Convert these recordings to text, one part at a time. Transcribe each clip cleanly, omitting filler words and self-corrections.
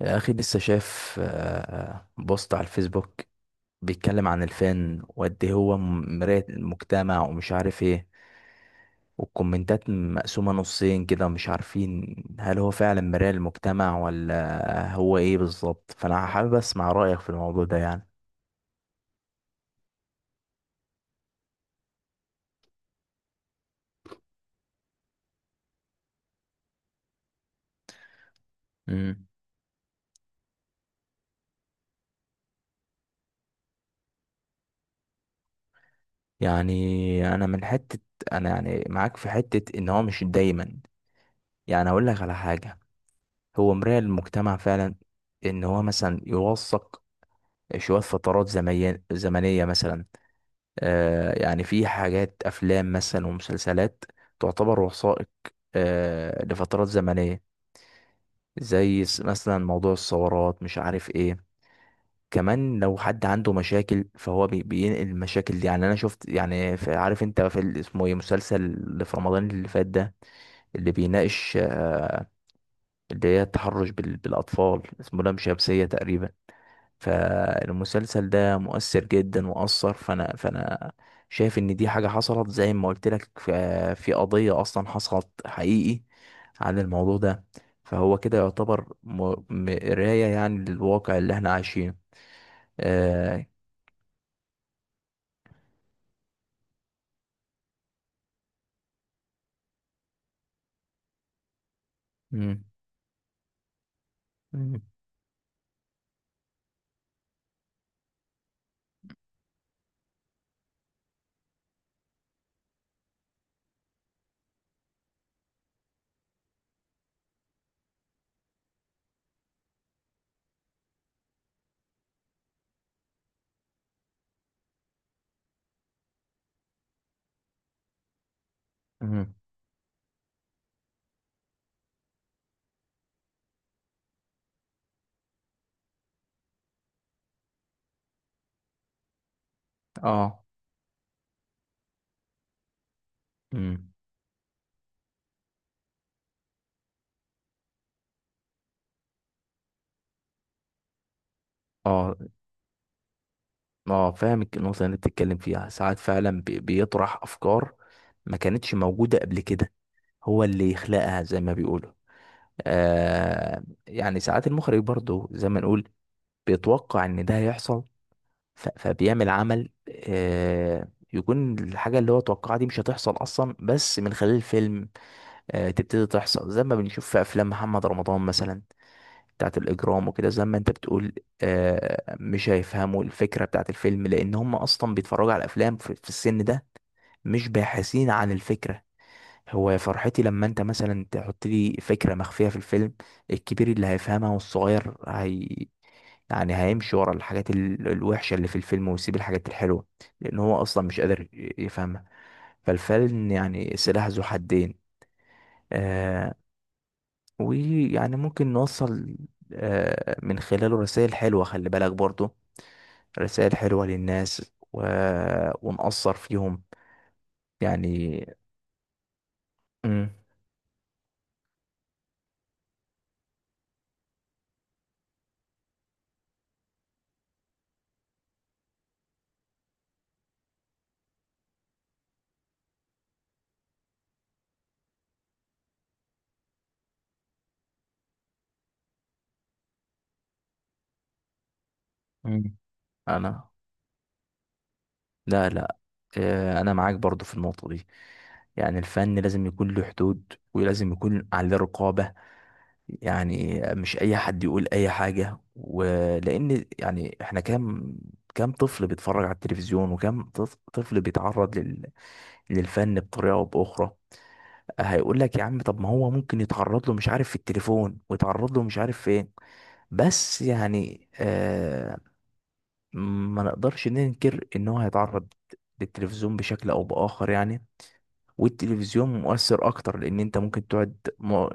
يا أخي لسه شايف بوست على الفيسبوك بيتكلم عن الفن وقد إيه هو مراية المجتمع ومش عارف ايه. والكومنتات مقسومة نصين كده، مش عارفين هل هو فعلا مراية المجتمع ولا هو ايه بالظبط، فأنا حابب أسمع رأيك في الموضوع ده يعني. امم. يعني أنا من حتة، أنا يعني معاك في حتة إن هو مش دايما، يعني أقول لك على حاجة، هو مراية المجتمع فعلا، إن هو مثلا يوثق شوية فترات زمنية مثلا. يعني في حاجات أفلام مثلا ومسلسلات تعتبر وثائق، لفترات زمنية، زي مثلا موضوع الثورات مش عارف ايه. كمان لو حد عنده مشاكل فهو بينقل المشاكل دي. يعني انا شفت يعني عارف انت في اسمه ايه، مسلسل اللي في رمضان اللي فات ده، اللي بيناقش، اللي هي التحرش بالاطفال، اسمه لام شمسية تقريبا. فالمسلسل ده مؤثر جدا وأثر. فأنا شايف إن دي حاجة حصلت زي ما قلت لك، في قضية أصلا حصلت حقيقي عن الموضوع ده. فهو كده يعتبر مراية يعني للواقع اللي احنا عايشينه. آه. مم. مم. مم. اه. مم. اه. اه، فاهم النقطة اللي انت بتتكلم فيها. ساعات فعلا بيطرح أفكار ما كانتش موجودة قبل كده، هو اللي يخلقها زي ما بيقولوا. آه، يعني ساعات المخرج برضو زي ما نقول بيتوقع ان ده هيحصل، فبيعمل عمل، آه، يكون الحاجة اللي هو توقعها دي مش هتحصل أصلا بس من خلال الفيلم آه تبتدي تحصل، زي ما بنشوف في أفلام محمد رمضان مثلا بتاعت الإجرام وكده زي ما أنت بتقول. آه، مش هيفهموا الفكرة بتاعت الفيلم، لأن هم أصلا بيتفرجوا على الأفلام في السن ده، مش باحثين عن الفكرة. هو فرحتي لما انت مثلا تحط لي فكرة مخفية في الفيلم، الكبير اللي هيفهمها والصغير هي يعني هيمشي ورا الحاجات الوحشة اللي في الفيلم ويسيب الحاجات الحلوة، لأن هو أصلا مش قادر يفهمها. فالفيلم يعني سلاح ذو حدين. آه. ويعني ممكن نوصل آه من خلاله رسائل حلوة، خلي بالك برضه رسائل حلوة للناس، ونأثر فيهم يعني. مم. مم. أنا، لا، لا، انا معاك برضو في النقطة دي. يعني الفن لازم يكون له حدود ولازم يكون عليه رقابة، يعني مش اي حد يقول اي حاجة. ولان يعني احنا كام طفل بيتفرج على التلفزيون، وكام طفل بيتعرض للفن بطريقة او باخرى. هيقول لك يا عم، طب ما هو ممكن يتعرض له مش عارف في التليفون ويتعرض له مش عارف فين، بس يعني آه، ما نقدرش ننكر ان هو هيتعرض للتلفزيون بشكل او باخر يعني. والتلفزيون مؤثر اكتر، لان انت ممكن تقعد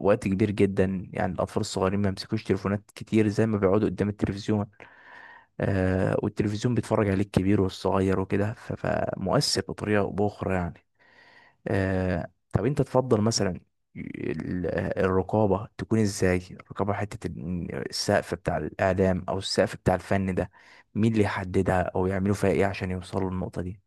وقت كبير جدا. يعني الاطفال الصغيرين ما يمسكوش تليفونات كتير زي ما بيقعدوا قدام التلفزيون. آه، والتلفزيون بيتفرج عليه الكبير والصغير وكده، فمؤثر بطريقه او باخرى يعني. آه، طب انت تفضل مثلا ال- الرقابة تكون ازاي؟ الرقابة، حتة السقف بتاع الإعلام أو السقف بتاع الفن ده، مين اللي يحددها أو يعملوا فيها ايه عشان يوصلوا للنقطة دي؟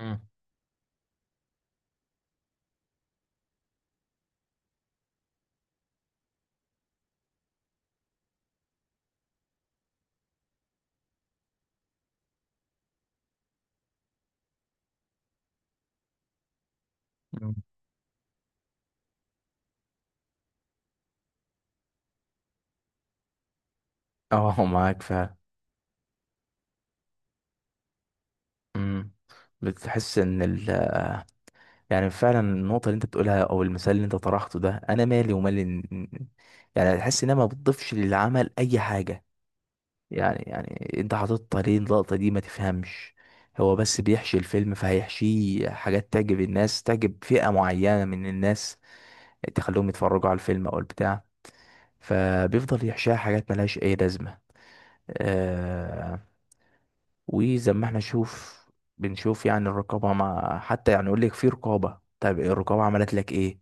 مم. مم. اه، معاك فعلا. امم. بتحس ان يعني فعلا النقطة اللي انت بتقولها او المثال اللي انت طرحته ده، انا مالي ومال يعني تحس انها ما بتضيفش للعمل اي حاجة. يعني انت حاططها ليه اللقطة دي؟ ما تفهمش. هو بس بيحشي الفيلم، فهيحشيه حاجات تعجب الناس، تعجب فئة معينة من الناس، تخليهم يتفرجوا على الفيلم او البتاع، فبيفضل يحشيها حاجات ملهاش اي لازمة. آه. وزي ما احنا نشوف، بنشوف يعني الرقابة، مع حتى يعني يقول لك في رقابة، طيب الرقابة عملت لك ايه؟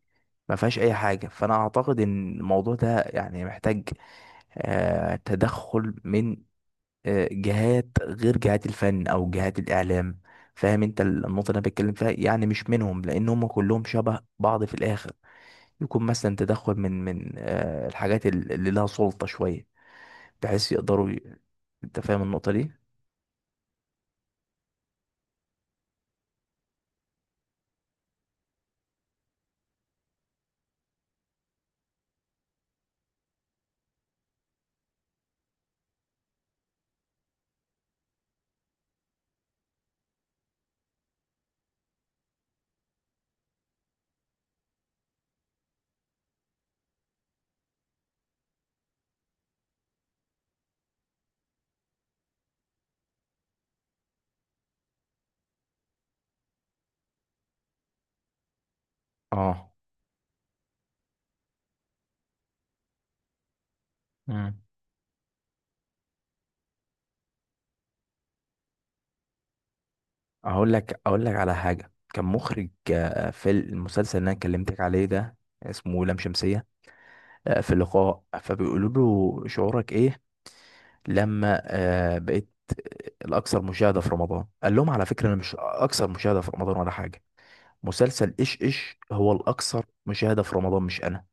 ما فيهاش اي حاجة. فانا اعتقد ان الموضوع ده يعني محتاج آه تدخل من آه، جهات غير جهات الفن او جهات الاعلام. فاهم انت النقطه اللي انا بتكلم فيها، يعني مش منهم، لان هم كلهم شبه بعض في الاخر. يكون مثلا تدخل من آه، الحاجات اللي لها سلطه شويه، بحيث يقدروا انت فاهم النقطه دي؟ اه. مم. اقول لك على حاجه، كان مخرج آه، في المسلسل اللي انا كلمتك عليه ده اسمه لام شمسيه، آه، في لقاء فبيقولوا له شعورك ايه لما آه، بقيت الاكثر مشاهده في رمضان؟ قال لهم على فكره انا مش اكثر مشاهده في رمضان ولا حاجه. مسلسل ايش هو الاكثر مشاهده في رمضان، مش انا.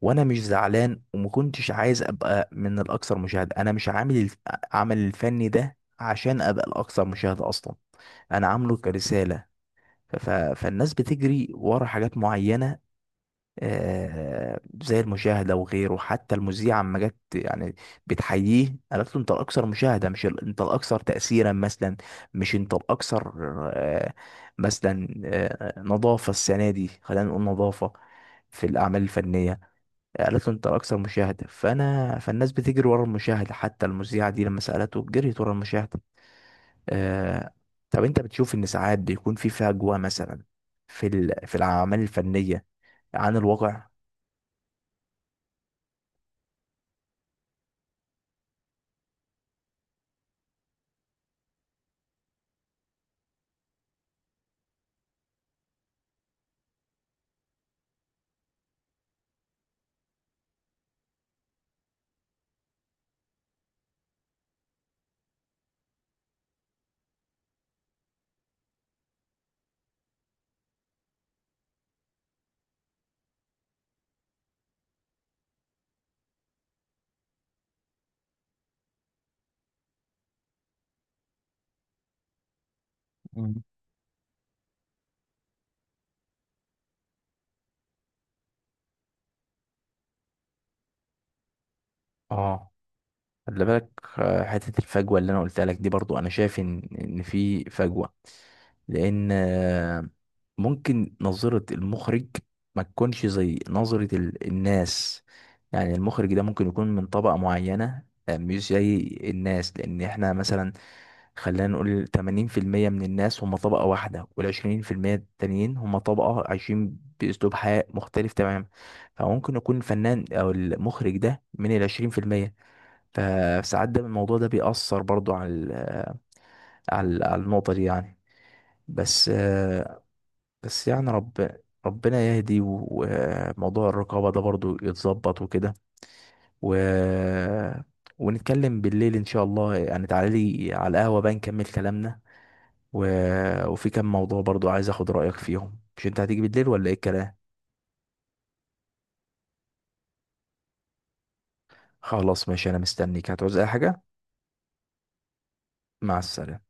وانا مش زعلان وما كنتش عايز ابقى من الاكثر مشاهده، انا مش عامل عمل الفني ده عشان ابقى الاكثر مشاهده اصلا، انا عامله كرساله. ف... ف- فالناس بتجري ورا حاجات معينه آه، زي المشاهدة وغيره. حتى المذيعة لما جت يعني بتحييه قالت له انت الأكثر مشاهدة، مش انت الأكثر تأثيرا مثلا، مش انت الأكثر آه، مثلا آه، نظافة السنة دي، خلينا نقول نظافة في الأعمال الفنية، قالت له انت الأكثر مشاهدة. فأنا فالناس بتجري ورا المشاهدة حتى المذيعة دي لما سألته جريت ورا المشاهدة. آه، طب انت بتشوف ان ساعات بيكون في فجوة مثلا في في الأعمال الفنية عن الواقع؟ اه. خلي بالك آه، حتة الفجوة اللي انا قلتها لك دي، برضو انا شايف ان في فجوة، لان آه، ممكن نظرة المخرج ما تكونش زي نظرة الناس. يعني المخرج ده ممكن يكون من طبقة معينة آه، مش زي الناس. لان احنا مثلا خلينا نقول 80% من الناس هم طبقة واحدة، وال20% التانيين هم طبقة عايشين بأسلوب حياة مختلف تماما. فممكن يكون الفنان أو المخرج ده من 20%. فساعات ده الموضوع ده بيأثر برضو على على النقطة دي يعني. بس آه، بس يعني ربنا يهدي، وموضوع الرقابة ده برضو يتظبط وكده، و... ونتكلم بالليل إن شاء الله يعني. تعالى لي على القهوة بقى نكمل كلامنا، و... وفي كام موضوع برضو عايز أخد رأيك فيهم. مش أنت هتيجي بالليل ولا إيه الكلام؟ خلاص، ماشي، أنا مستنيك. هتعوز أي حاجة؟ مع السلامة.